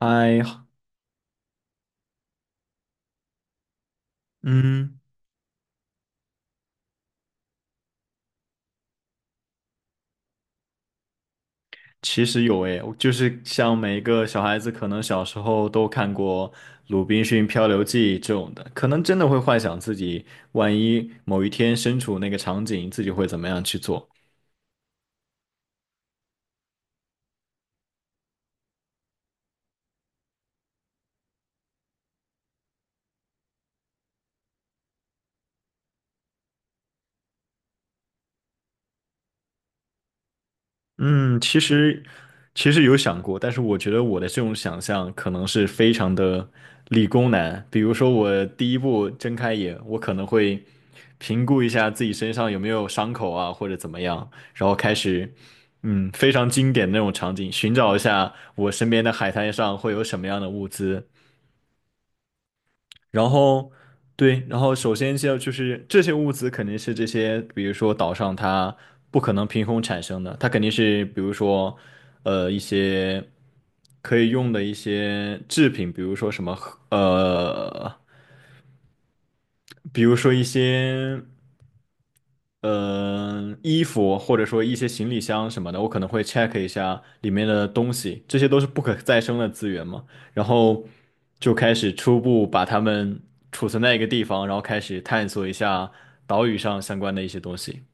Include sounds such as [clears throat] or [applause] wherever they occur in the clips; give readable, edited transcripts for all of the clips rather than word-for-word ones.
还嗯，其实有诶，就是像每一个小孩子，可能小时候都看过《鲁滨逊漂流记》这种的，可能真的会幻想自己万一某一天身处那个场景，自己会怎么样去做。嗯，其实其实有想过，但是我觉得我的这种想象可能是非常的理工男。比如说，我第一步睁开眼，我可能会评估一下自己身上有没有伤口啊，或者怎么样，然后开始，非常经典的那种场景，寻找一下我身边的海滩上会有什么样的物资，然后对，然后首先就是这些物资肯定是这些，比如说岛上它不可能凭空产生的，它肯定是比如说一些可以用的一些制品，比如说什么呃，比如说一些。衣服或者说一些行李箱什么的，我可能会 check 一下里面的东西，这些都是不可再生的资源嘛。然后就开始初步把它们储存在一个地方，然后开始探索一下岛屿上相关的一些东西。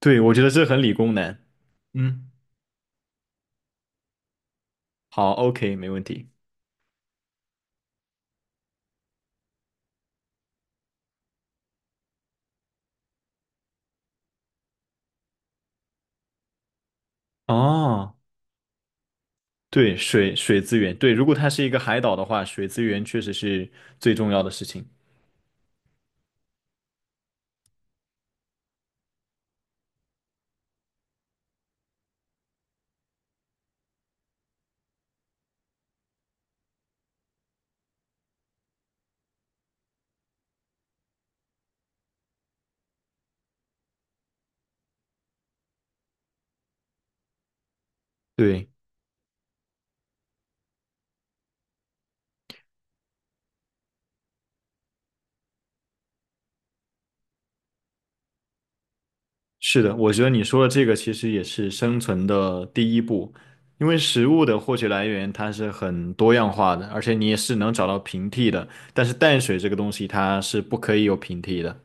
对，我觉得这很理工男。嗯，好，OK,没问题。哦，对，水资源，对，如果它是一个海岛的话，水资源确实是最重要的事情。对。是的，我觉得你说的这个其实也是生存的第一步，因为食物的获取来源它是很多样化的，而且你也是能找到平替的，但是淡水这个东西它是不可以有平替的。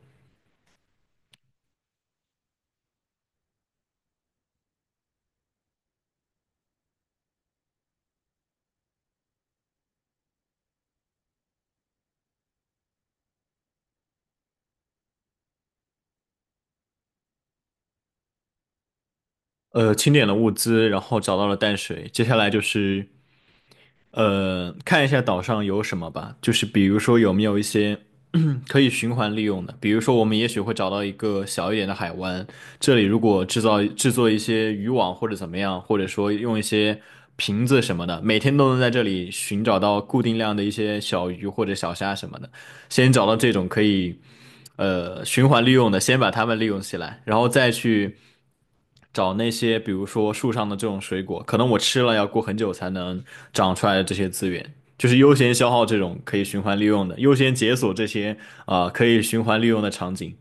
清点了物资，然后找到了淡水，接下来就是。看一下岛上有什么吧，就是比如说有没有一些 [clears throat] 可以循环利用的，比如说我们也许会找到一个小一点的海湾，这里如果制造制作一些渔网或者怎么样，或者说用一些瓶子什么的，每天都能在这里寻找到固定量的一些小鱼或者小虾什么的，先找到这种可以循环利用的，先把它们利用起来，然后再去找那些比如说树上的这种水果，可能我吃了要过很久才能长出来的这些资源，就是优先消耗这种可以循环利用的，优先解锁这些啊、可以循环利用的场景。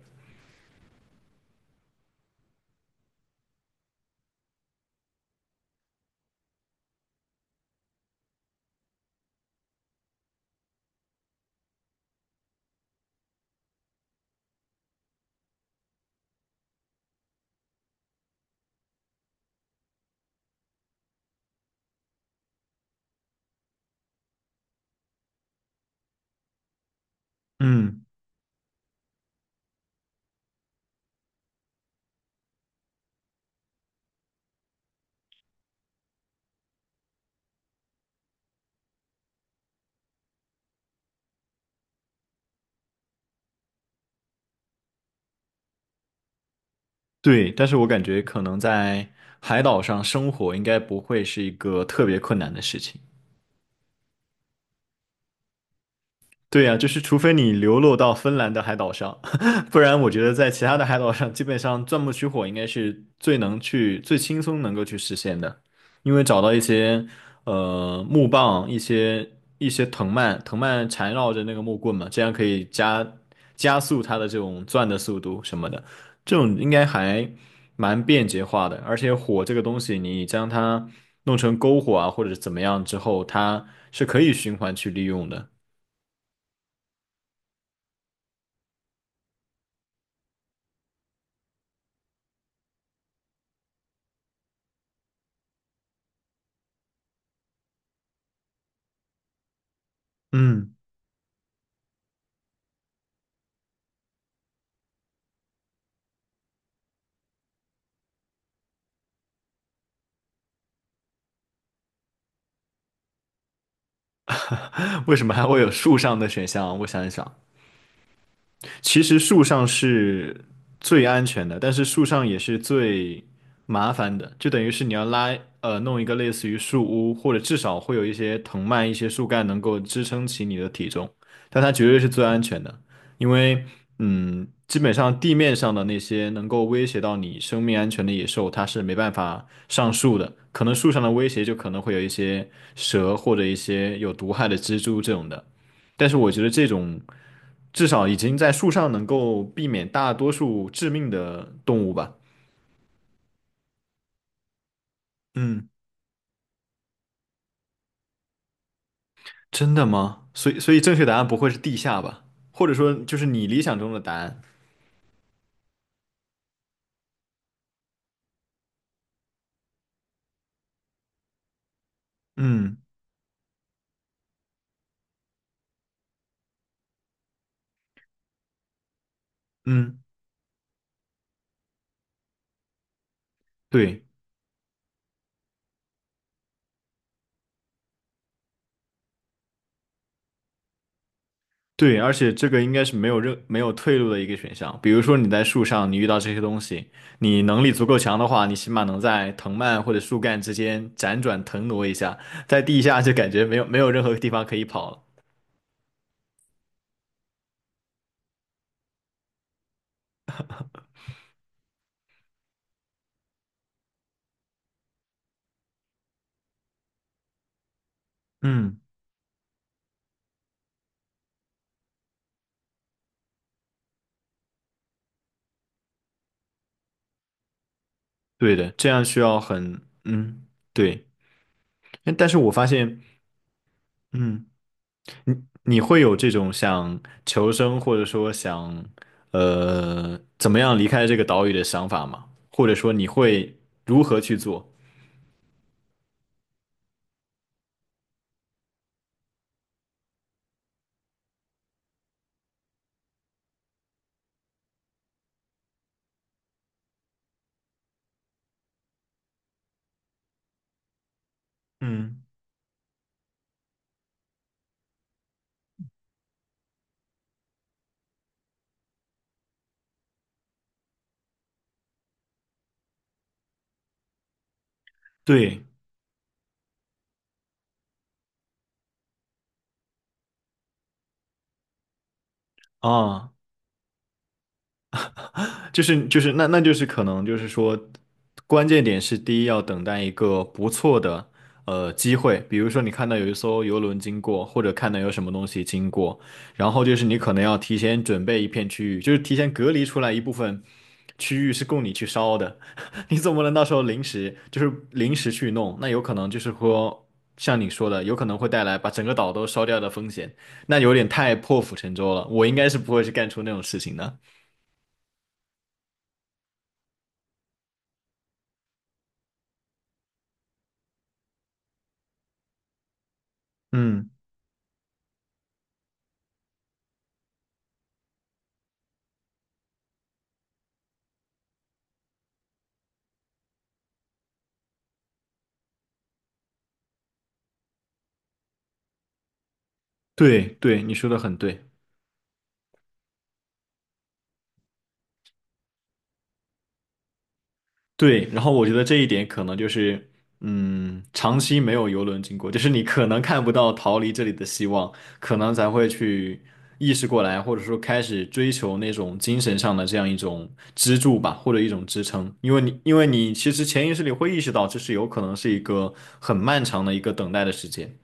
嗯，对，但是我感觉可能在海岛上生活应该不会是一个特别困难的事情。对呀，就是除非你流落到芬兰的海岛上，[laughs] 不然我觉得在其他的海岛上，基本上钻木取火应该是最能去、最轻松能够去实现的，因为找到一些木棒、一些藤蔓，藤蔓缠绕着那个木棍嘛，这样可以加速它的这种钻的速度什么的，这种应该还蛮便捷化的。而且火这个东西，你将它弄成篝火啊，或者怎么样之后，它是可以循环去利用的。嗯。为什么还会有树上的选项？我想一想，其实树上是最安全的，但是树上也是最麻烦的，就等于是你要弄一个类似于树屋，或者至少会有一些藤蔓、一些树干能够支撑起你的体重，但它绝对是最安全的，因为基本上地面上的那些能够威胁到你生命安全的野兽，它是没办法上树的，可能树上的威胁就可能会有一些蛇或者一些有毒害的蜘蛛这种的。但是我觉得这种至少已经在树上能够避免大多数致命的动物吧。嗯，真的吗？所以正确答案不会是地下吧？或者说，就是你理想中的答案？嗯嗯，对对，而且这个应该是没有退路的一个选项。比如说你在树上，你遇到这些东西，你能力足够强的话，你起码能在藤蔓或者树干之间辗转腾挪一下，在地下就感觉没有任何地方可以跑了。嗯，对的，这样需要很，对。哎但是我发现，嗯，你你会有这种想求生，或者说想怎么样离开这个岛屿的想法吗？或者说你会如何去做？嗯，对啊，就是就是那就是可能就是说，关键点是第一要等待一个不错的机会，比如说你看到有一艘游轮经过，或者看到有什么东西经过，然后就是你可能要提前准备一片区域，就是提前隔离出来一部分区域是供你去烧的，[laughs] 你总不能到时候临时就是临时去弄，那有可能就是说像你说的，有可能会带来把整个岛都烧掉的风险，那有点太破釜沉舟了，我应该是不会去干出那种事情的，嗯。对对，你说的很对。然后我觉得这一点可能就是，长期没有游轮经过，就是你可能看不到逃离这里的希望，可能才会去意识过来，或者说开始追求那种精神上的这样一种支柱吧，或者一种支撑。因为你其实潜意识里会意识到，这是有可能是一个很漫长的一个等待的时间。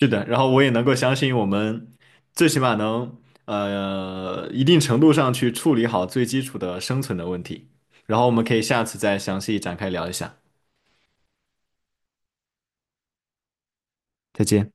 是的，然后我也能够相信我们最起码能一定程度上去处理好最基础的生存的问题，然后我们可以下次再详细展开聊一下。再见。